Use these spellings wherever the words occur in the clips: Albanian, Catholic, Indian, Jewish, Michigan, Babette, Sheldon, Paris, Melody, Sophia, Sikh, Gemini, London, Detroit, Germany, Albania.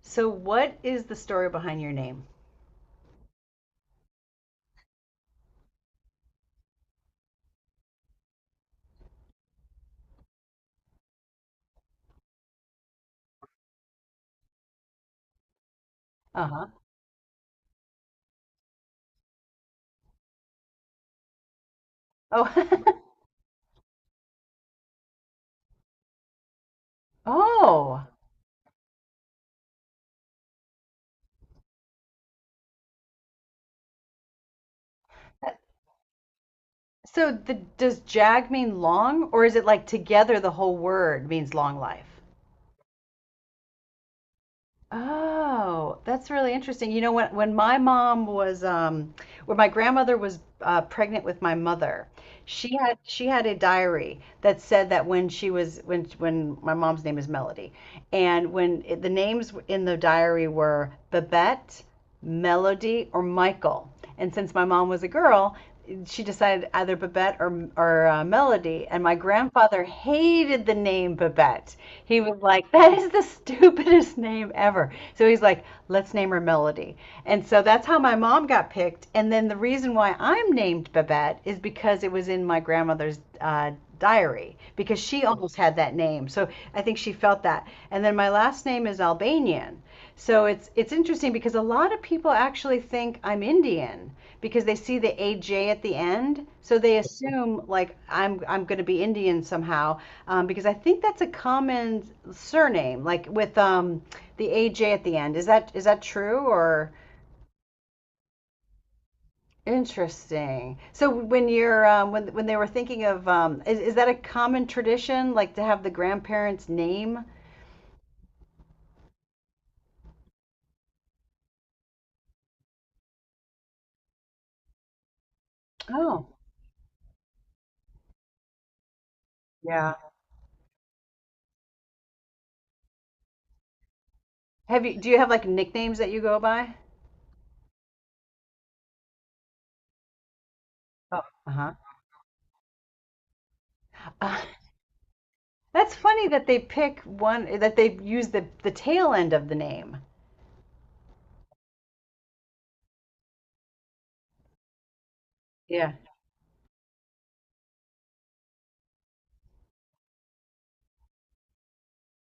So, what is the story behind your name? Uh huh. Oh, oh. So, does jag mean long, or is it like together the whole word means long life? Oh, that's really interesting. When my grandmother was pregnant with my mother, she had a diary that said that when she was when my mom's name is Melody, and the names in the diary were Babette, Melody, or Michael. And since my mom was a girl, she decided either Babette or Melody. And my grandfather hated the name Babette. He was like, "That is the stupidest name ever." So he's like, "Let's name her Melody." And so that's how my mom got picked. And then the reason why I'm named Babette is because it was in my grandmother's diary, because she almost had that name. So I think she felt that. And then my last name is Albanian. So it's interesting because a lot of people actually think I'm Indian because they see the AJ at the end, so they assume like I'm going to be Indian somehow, because I think that's a common surname, like with, the AJ at the end. Is that true, or interesting? So when you're when they were thinking of, is that a common tradition like to have the grandparents' name? Oh, yeah. Have you Do you have like nicknames that you go by? Oh, uh-huh. That's funny that they pick one, that they use the tail end of the name. Yeah.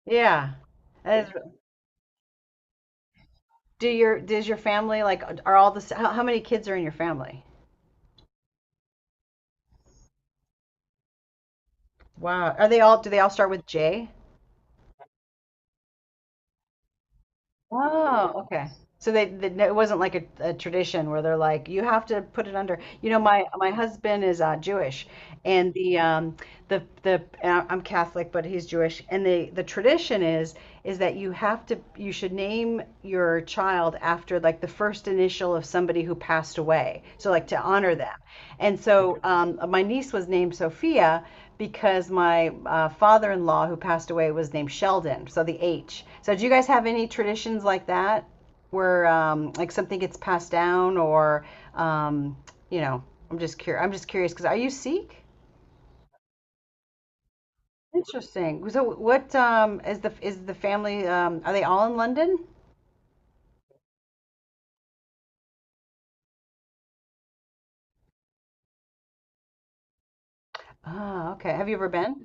Yeah. As, do your does your family like are all the how many kids are in your family? Wow. Are they all Do they all start with J? Oh, okay. So they no, it wasn't like a tradition where they're like, you have to put it under. You know, my husband is Jewish, and I'm Catholic, but he's Jewish, and the tradition is that you have to you should name your child after like the first initial of somebody who passed away, so like to honor them. And so, my niece was named Sophia, because my father-in-law who passed away was named Sheldon, so the H. So do you guys have any traditions like that where, like something gets passed down, or um, you know, I'm just curious. I'm just curious, because are you Sikh? Interesting. So what is the family are they all in London? Ah, okay. Have you ever been?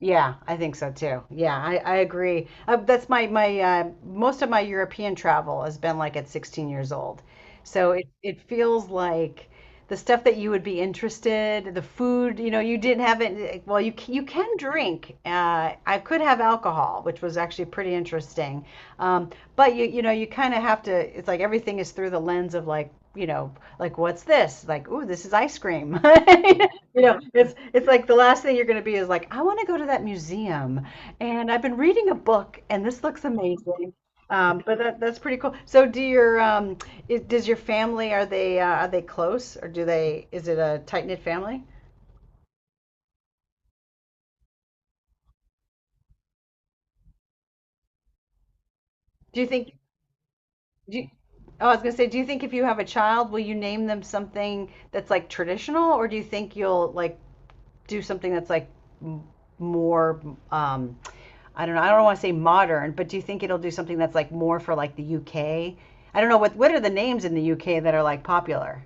Yeah, I think so too. Yeah, I agree. That's my my most of my European travel has been like at 16 years old. So it feels like the stuff that you would be interested, the food, you didn't have it. Well, you can drink. I could have alcohol, which was actually pretty interesting. Um, but you kind of have to. It's like everything is through the lens of, like, like, what's this? Like, ooh, this is ice cream. It's like, the last thing you're going to be is like, I want to go to that museum, and I've been reading a book, and this looks amazing. But that's pretty cool. So do your is, does your family are they close, or do they is it a tight knit family? Do you think do you, Oh, I was gonna say, do you think if you have a child, will you name them something that's like traditional, or do you think you'll like do something that's like m- more, um, I don't know, I don't want to say modern, but do you think it'll do something that's like more for like the UK? I don't know, what are the names in the UK that are like popular?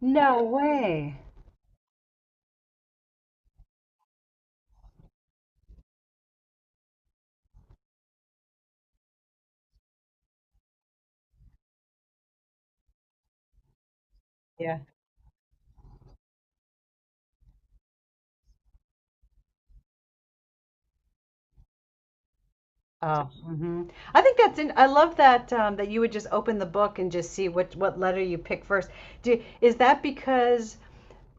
No way. Oh, I think that's, I love that, that you would just open the book and just see what letter you pick first. Is that because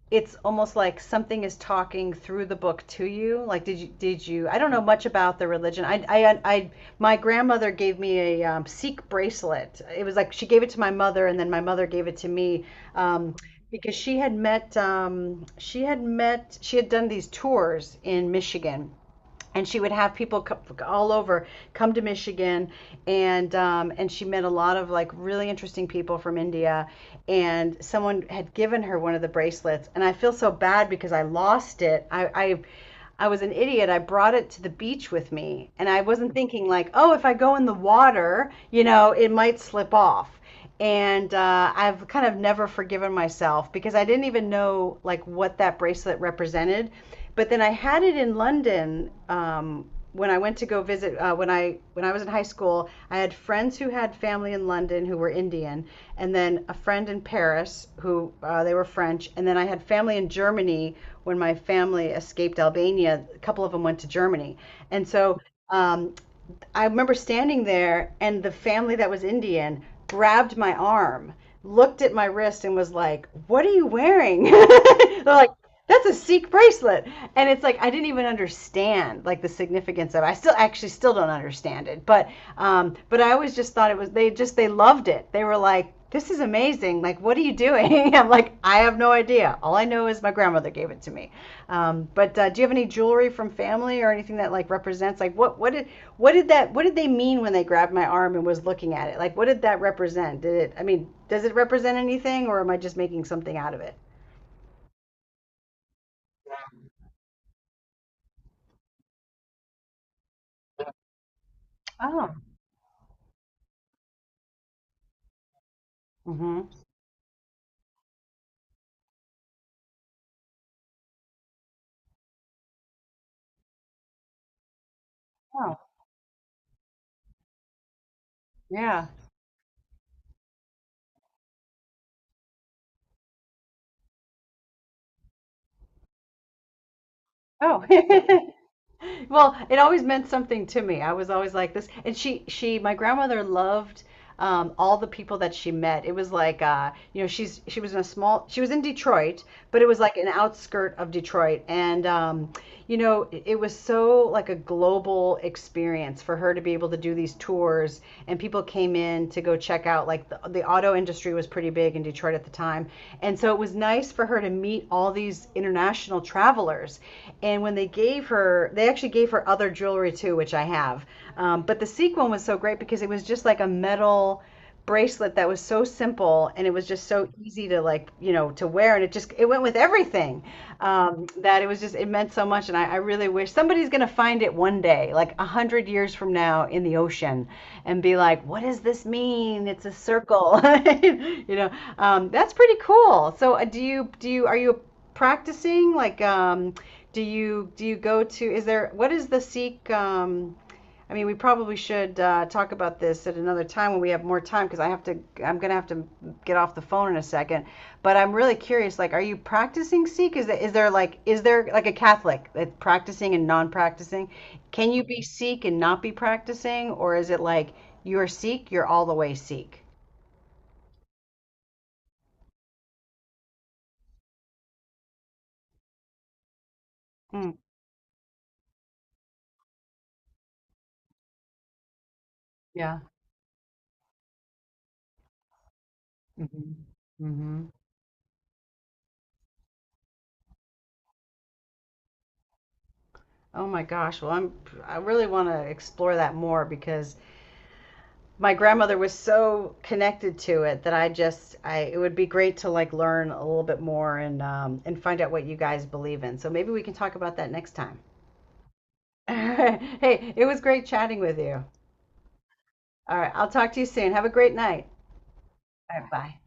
it's almost like something is talking through the book to you? Like, did you? I don't know much about the religion. I my grandmother gave me a, Sikh bracelet. It was like she gave it to my mother, and then my mother gave it to me. Um, because she had met, she had done these tours in Michigan, and she would have people, all over, come to Michigan, and and she met a lot of like really interesting people from India, and someone had given her one of the bracelets, and I feel so bad, because I lost it. I was an idiot. I brought it to the beach with me, and I wasn't thinking like, oh, if I go in the water, it might slip off, and I've kind of never forgiven myself, because I didn't even know like what that bracelet represented. But then I had it in London, when I went to go visit, when I was in high school. I had friends who had family in London who were Indian, and then a friend in Paris who, they were French, and then I had family in Germany, when my family escaped Albania. A couple of them went to Germany, and so, um, I remember standing there, and the family that was Indian grabbed my arm, looked at my wrist, and was like, "What are you wearing?" They're like, "That's a Sikh bracelet," and it's like, I didn't even understand like the significance of it. I still actually still don't understand it, but I always just thought it was, they just they loved it. They were like. This is amazing. Like, what are you doing? I'm like, I have no idea. All I know is my grandmother gave it to me. But do you have any jewelry from family, or anything that like represents, like what did they mean when they grabbed my arm and was looking at it? Like, what did that represent? Did it? I mean, does it represent anything, or am I just making something out of it? Oh, mm hmm. Oh, yeah. Oh, well, it always meant something to me. I was always like this, and she my grandmother loved, all the people that she met. It was like, she was in Detroit, but it was like an outskirt of Detroit, and it was so like a global experience for her to be able to do these tours, and people came in to go check out. Like the auto industry was pretty big in Detroit at the time. And so it was nice for her to meet all these international travelers. And when they gave her, they actually gave her other jewelry too, which I have. But the sequin was so great, because it was just like a metal bracelet that was so simple, and it was just so easy to, like, to wear, and it just it went with everything, that it was just it meant so much. And I really wish somebody's gonna find it one day, like 100 years from now in the ocean, and be like, what does this mean? It's a circle. you know that's pretty cool. So do you are you practicing, like, do you go to is there what is the Sikh, I mean, we probably should, talk about this at another time, when we have more time, because I have to. I'm gonna have to get off the phone in a second. But I'm really curious. Like, are you practicing Sikh? Is there like a Catholic that practicing and non-practicing? Can you be Sikh and not be practicing, or is it like you're Sikh, you're all the way Sikh? Mm, yeah. Hmm, hmm. Oh my gosh. Well, I really want to explore that more, because my grandmother was so connected to it, that I just I it would be great to like learn a little bit more, and and find out what you guys believe in. So maybe we can talk about that next time. Hey, it was great chatting with you. All right, I'll talk to you soon. Have a great night. All right, bye.